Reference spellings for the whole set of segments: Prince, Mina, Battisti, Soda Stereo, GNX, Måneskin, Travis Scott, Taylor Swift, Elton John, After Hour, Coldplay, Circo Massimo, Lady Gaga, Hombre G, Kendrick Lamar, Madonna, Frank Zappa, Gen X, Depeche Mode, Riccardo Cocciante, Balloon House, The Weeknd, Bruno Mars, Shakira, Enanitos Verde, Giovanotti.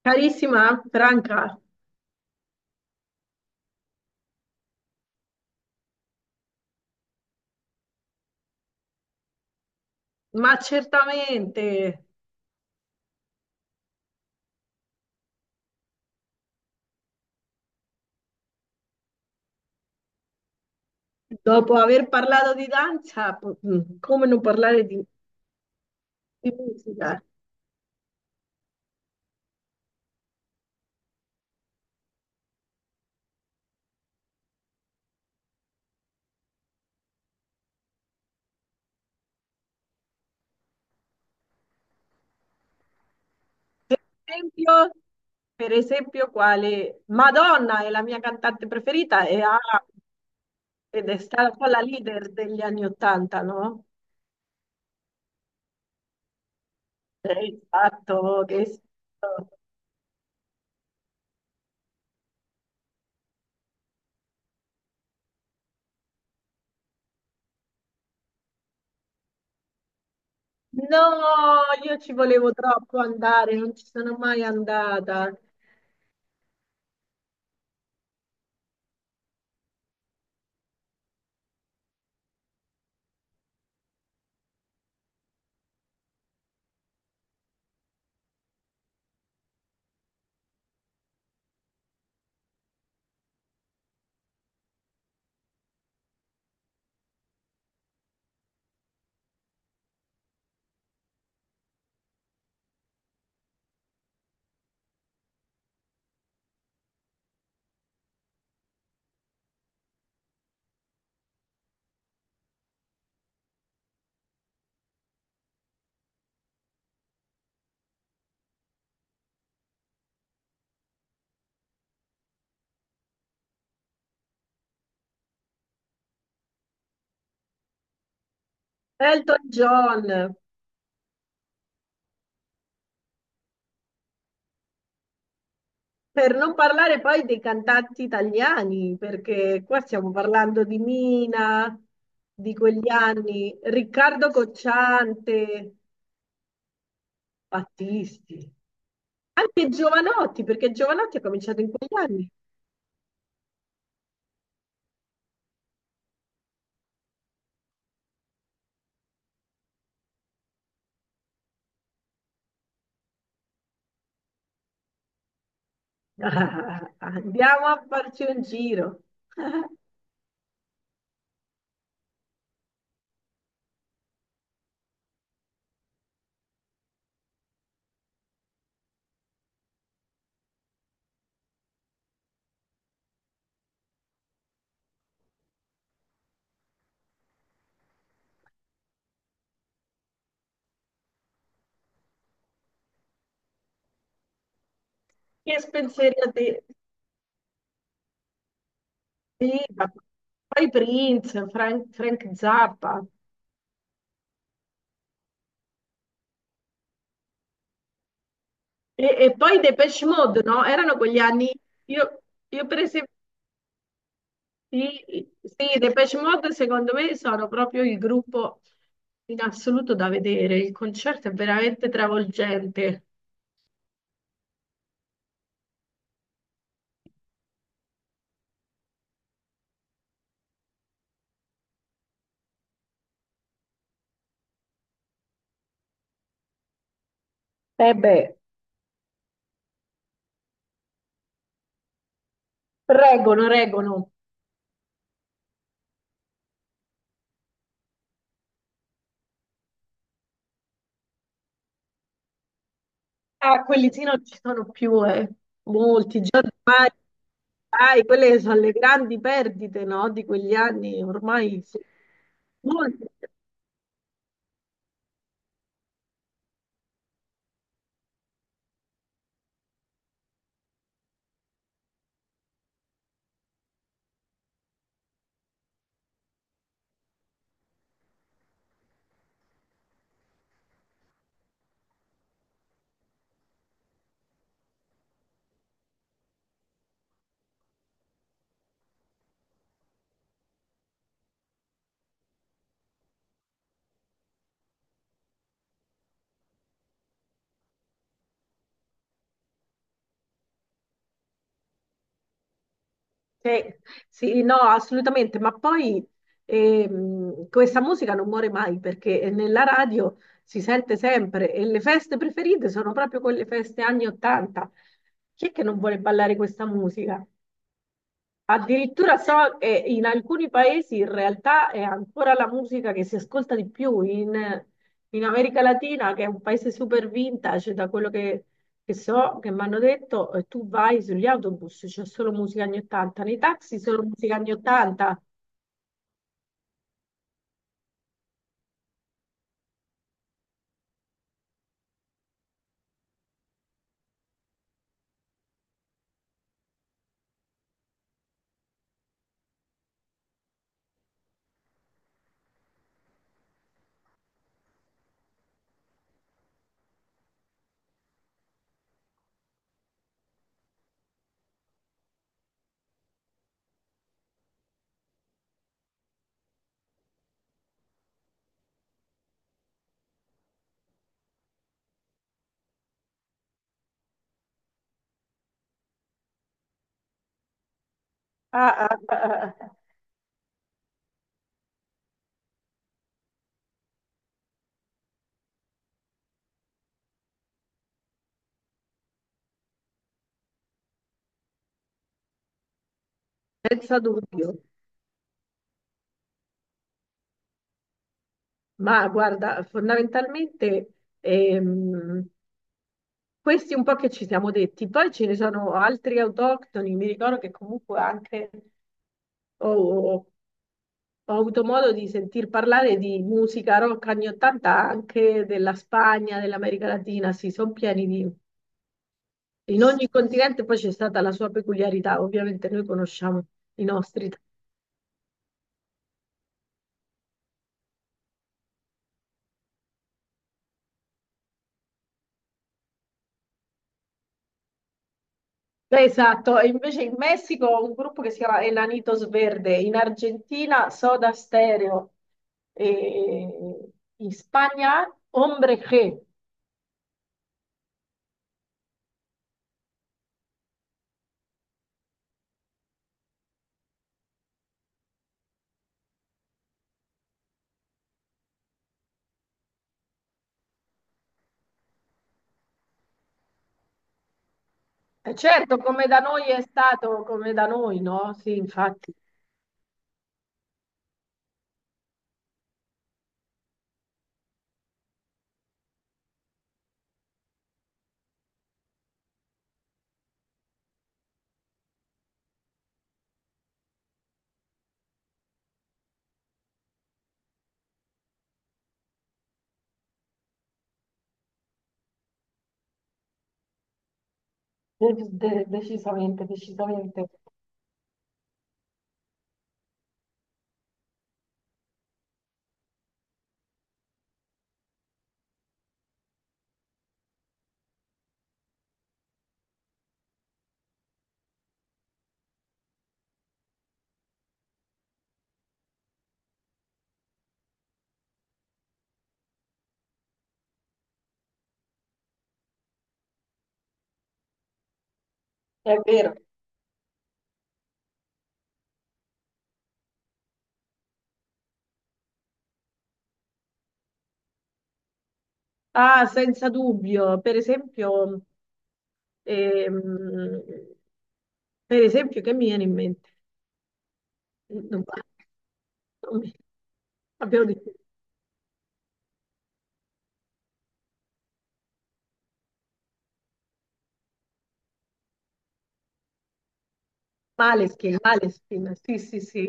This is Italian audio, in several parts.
Carissima Franca, ma certamente dopo aver parlato di danza, come non parlare di musica? Per esempio, per esempio, quale Madonna è la mia cantante preferita e ed è stata un po' la leader degli anni Ottanta, no? E il fatto che sei fatto. No, io ci volevo troppo andare, non ci sono mai andata. Elton John. Per non parlare poi dei cantanti italiani, perché qua stiamo parlando di Mina, di quegli anni, Riccardo Cocciante, Battisti, anche Giovanotti, perché Giovanotti ha cominciato in quegli anni. Ah, andiamo a farci un giro. Che spensierate? Sì, ma poi Prince, Frank Zappa e poi Depeche Mode, no? Erano quegli anni. Io, io per esempio, sì, sì, i Depeche Mode secondo me sono proprio il gruppo in assoluto da vedere. Il concerto è veramente travolgente. Eh beh, reggono, reggono. Ah, quelli sì non ci sono più, eh. Molti, già ormai, dai, quelle sono le grandi perdite, no? Di quegli anni, ormai sì. Molti. Sì, sì, no, assolutamente, ma poi questa musica non muore mai perché nella radio si sente sempre e le feste preferite sono proprio quelle feste anni 80. Chi è che non vuole ballare questa musica? Addirittura so che in alcuni paesi in realtà è ancora la musica che si ascolta di più, in America Latina, che è un paese super vintage, da quello che so, che mi hanno detto, tu vai sugli autobus, c'è solo musica anni 80, nei taxi solo musica anni 80. Ah, ah, ah, ah, ah, ah, senza dubbio. Ma guarda, fondamentalmente ehm, questi un po' che ci siamo detti, poi ce ne sono altri autoctoni, mi ricordo che comunque anche... Oh, oh, oh, ho avuto modo di sentir parlare di musica rock anni 80 anche della Spagna, dell'America Latina, sì, sono pieni di... In ogni continente poi c'è stata la sua peculiarità, ovviamente noi conosciamo i nostri. Beh, esatto, e invece in Messico ho un gruppo che si chiama Enanitos Verde, in Argentina Soda Stereo, e in Spagna Hombre G. E certo, come da noi è stato, come da noi, no? Sì, infatti. Decisamente, decisamente. È vero. Ah, senza dubbio. Ehm, per esempio, che mi viene in mente? Non, non mi- Abbiamo detto Måneskin, Måneskin. Sì, sì, sì.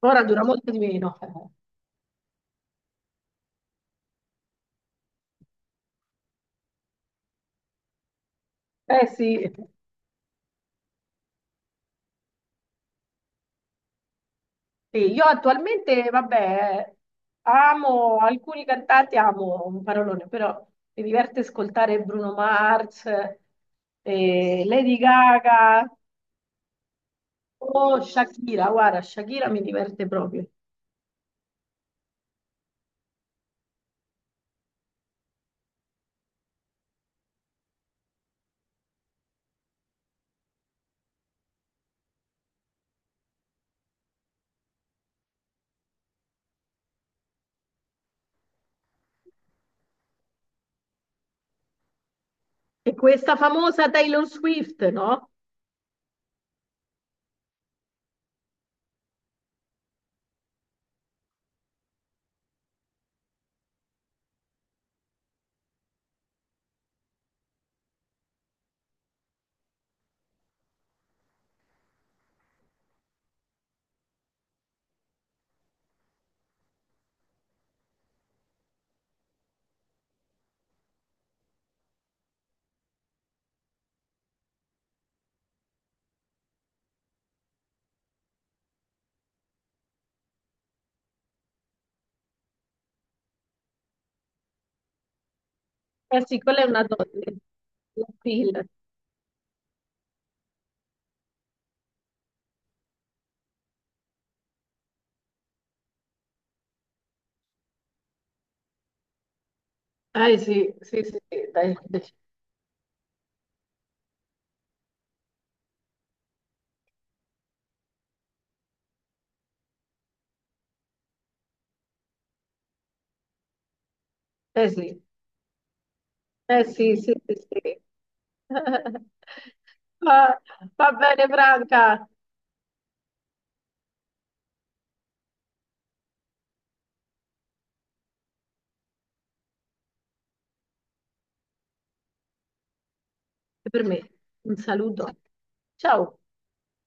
Ora dura molto di meno. Eh sì. Sì, io attualmente, vabbè, amo alcuni cantanti, amo un parolone, però mi diverte ascoltare Bruno Mars, Lady Gaga. Oh, Shakira, guarda, Shakira mi diverte proprio. E questa famosa Taylor Swift, no? Eh sì, quella è una donna. La Phil. Eh sì, sì, sì, sì, dai, dai. Eh sì, eh sì, sì, sì, sì. Va, va bene, Franca. E per me, un saluto. Ciao.